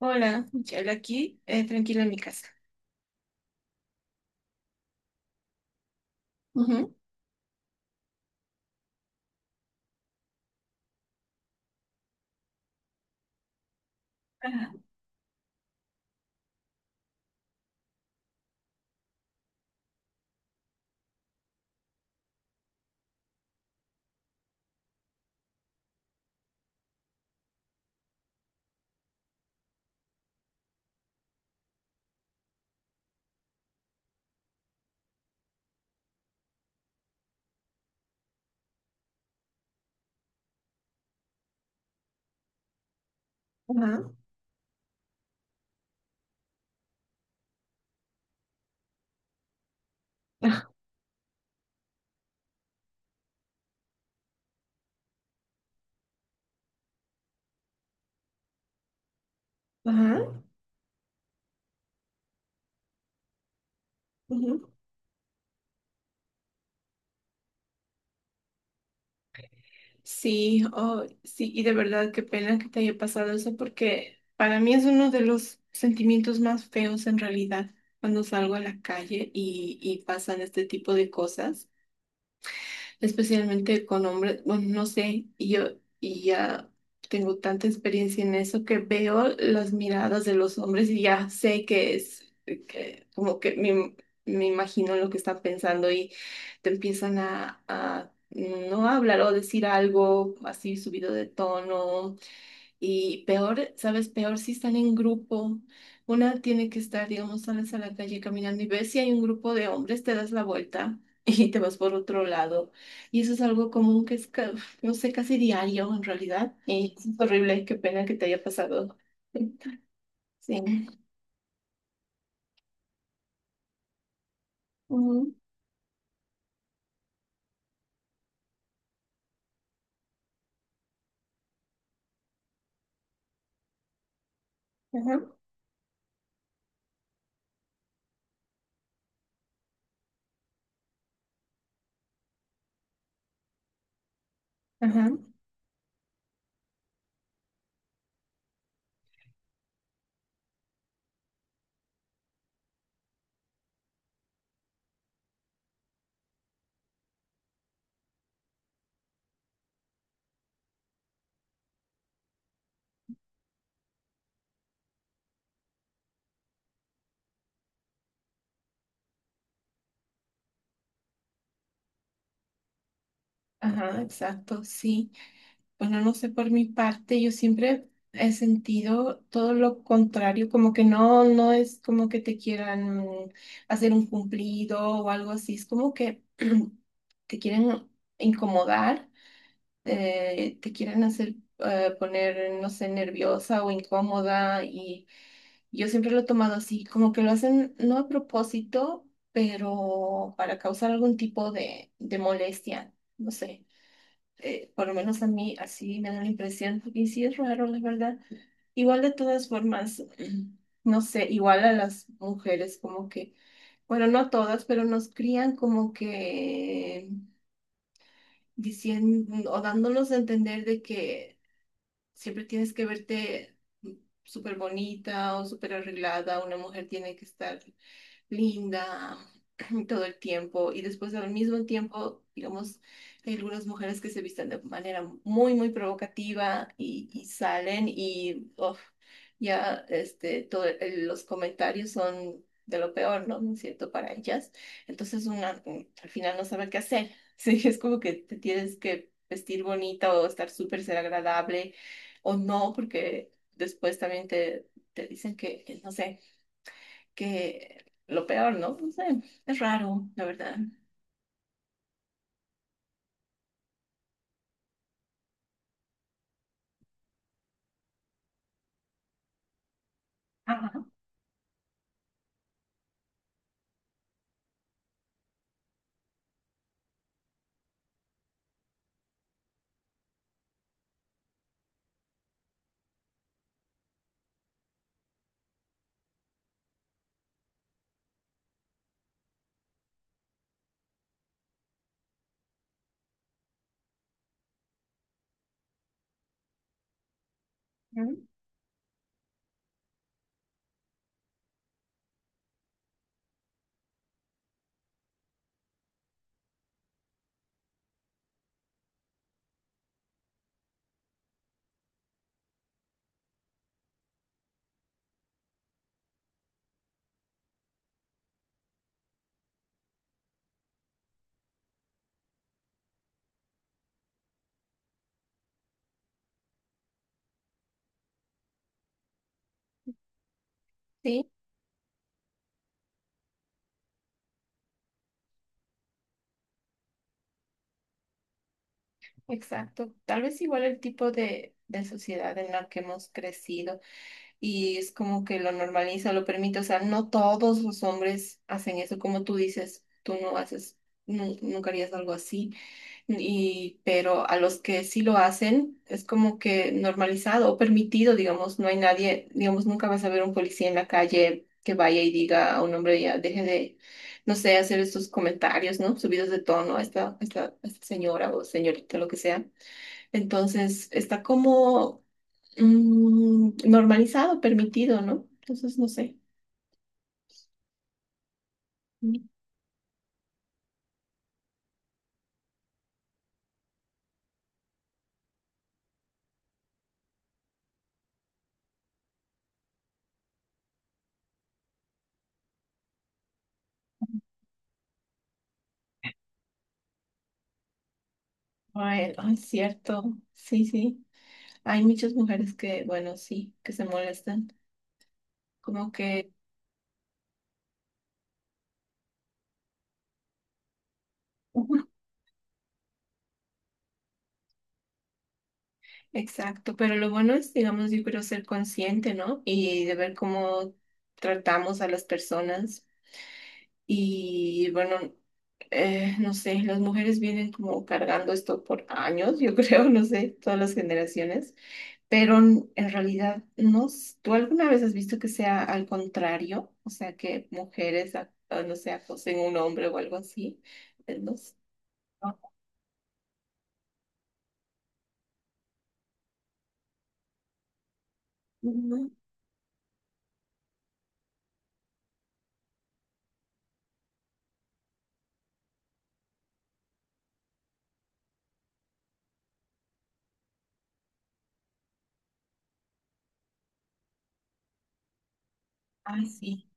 Hola, Michelle, aquí, tranquila en mi casa. Ujú. Ajá, ajá, ajá, ajá, ujú. Sí, oh, sí, y de verdad qué pena que te haya pasado eso porque para mí es uno de los sentimientos más feos en realidad cuando salgo a la calle y pasan este tipo de cosas. Especialmente con hombres, bueno, no sé, y yo y ya tengo tanta experiencia en eso que veo las miradas de los hombres y ya sé que es, que como que me imagino lo que están pensando y te empiezan a no hablar o decir algo así subido de tono y peor, ¿sabes? Peor si están en grupo. Una tiene que estar, digamos, sales a la calle caminando y ves si hay un grupo de hombres, te das la vuelta y te vas por otro lado. Y eso es algo común que es, no sé, casi diario en realidad. Y es horrible, qué pena que te haya pasado. Sí. Mm, ajá, ajá, ajá, exacto, sí. Bueno, no sé, por mi parte, yo siempre he sentido todo lo contrario, como que no, no es como que te quieran hacer un cumplido o algo así, es como que te quieren incomodar, te quieren hacer poner, no sé, nerviosa o incómoda y yo siempre lo he tomado así, como que lo hacen no a propósito, pero para causar algún tipo de molestia, no sé, por lo menos a mí así me da la impresión, y sí es raro, la verdad. Igual de todas formas, no sé, igual a las mujeres como que, bueno, no todas, pero nos crían como que diciendo o dándonos a entender de que siempre tienes que verte súper bonita o súper arreglada, una mujer tiene que estar linda todo el tiempo y después al mismo tiempo, digamos, hay algunas mujeres que se visten de manera muy, muy provocativa y salen y uf, ya este, los comentarios son de lo peor, ¿no? ¿No es cierto? Para ellas. Entonces una al final no sabe qué hacer. Sí, es como que te tienes que vestir bonita o estar súper ser agradable o no, porque después también te dicen que, no sé que lo peor, ¿no? No sé, es raro, la verdad. Ujú. Sí, exacto. Tal vez igual el tipo de sociedad en la que hemos crecido y es como que lo normaliza, lo permite. O sea, no todos los hombres hacen eso, como tú dices, tú no haces, nunca harías algo así. Y, pero a los que sí lo hacen, es como que normalizado o permitido, digamos, no hay nadie, digamos, nunca vas a ver un policía en la calle que vaya y diga a un hombre, ya deje de, no sé, hacer estos comentarios, ¿no? Subidos de tono a esta señora o señorita, lo que sea. Entonces, está como normalizado, permitido, ¿no? Entonces, no sé. Mm. Ay, ay, cierto, sí, sí. Hay muchas mujeres que, bueno, sí, que se molestan. Como que. Ujú. Exacto, pero lo bueno es, digamos, yo creo ser consciente, ¿no? Y de ver cómo tratamos a las personas. Y bueno, no sé, las mujeres vienen como cargando esto por años, yo creo, no sé, todas las generaciones, pero en realidad, no, ¿tú alguna vez has visto que sea al contrario? O sea, que mujeres, no sé, acosen a un hombre o algo así. No, sé, no, no, ay, sí.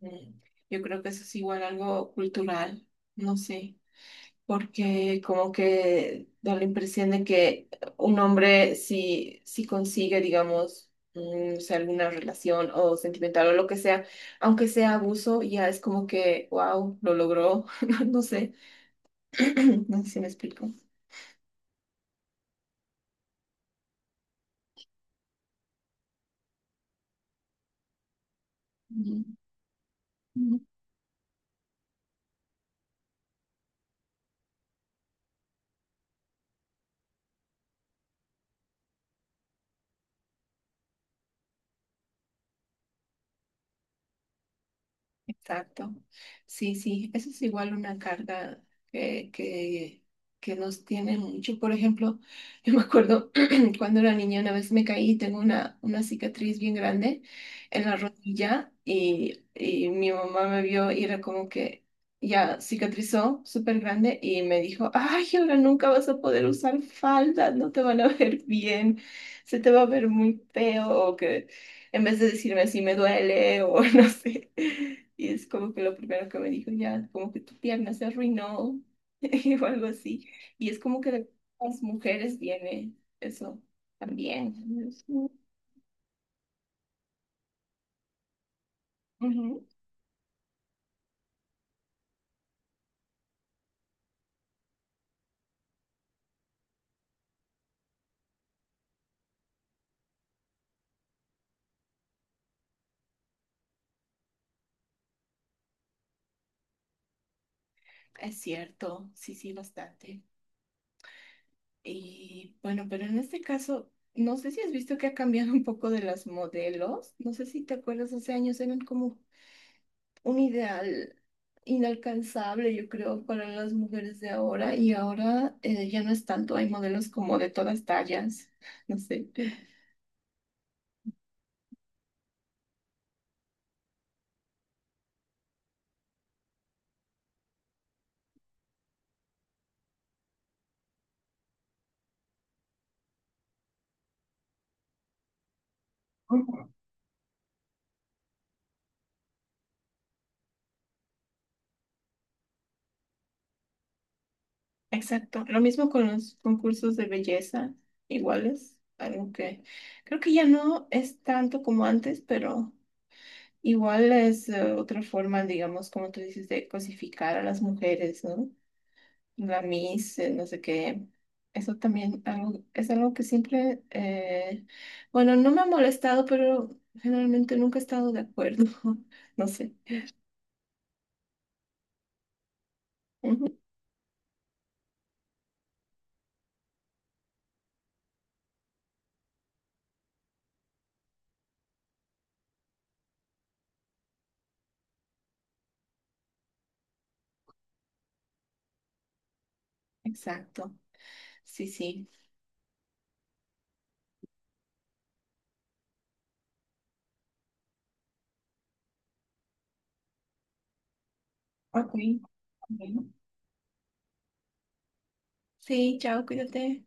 Mm, Yo creo que eso es igual algo cultural, no sé, porque como que da la impresión de que un hombre si, si consigue, digamos, o sea, alguna relación o sentimental o lo que sea, aunque sea abuso, ya es como que, wow, lo logró, no sé, no sé si me explico. Ujú. Exacto. Sí, sí, eso es igual una carga que, que, que nos tiene mucho. Por ejemplo, yo me acuerdo cuando era niña, una vez me caí y tengo una cicatriz bien grande en la rodilla y mi mamá me vio y era como que ya cicatrizó súper grande y me dijo, ay, ahora nunca vas a poder usar falda, no te van a ver bien, se te va a ver muy feo o que en vez de decirme así me duele o no sé. Y es como que lo primero que me dijo, ya, como que tu pierna se arruinó o algo así. Y es como que de las mujeres viene eso también. Ujú. Es cierto, sí, sí, bastante. Y bueno, pero en este caso, no sé si has visto que ha cambiado un poco de las modelos. No sé si te acuerdas, hace años eran como un ideal inalcanzable, yo creo, para las mujeres de ahora. Y ahora ya no es tanto, hay modelos como de todas tallas, no sé. Ujú. Exacto. Lo mismo con los concursos de belleza, iguales, aunque creo que ya no es tanto como antes, pero. Igual es otra forma, digamos, como tú dices, de cosificar a las mujeres, ¿no? La Miss, no sé qué. Eso también algo, es algo que siempre, bueno, no me ha molestado, pero generalmente nunca he estado de acuerdo. No sé. Ujú, exacto. Sí, sí. Ok. Bueno. Sí, chao, cuídate.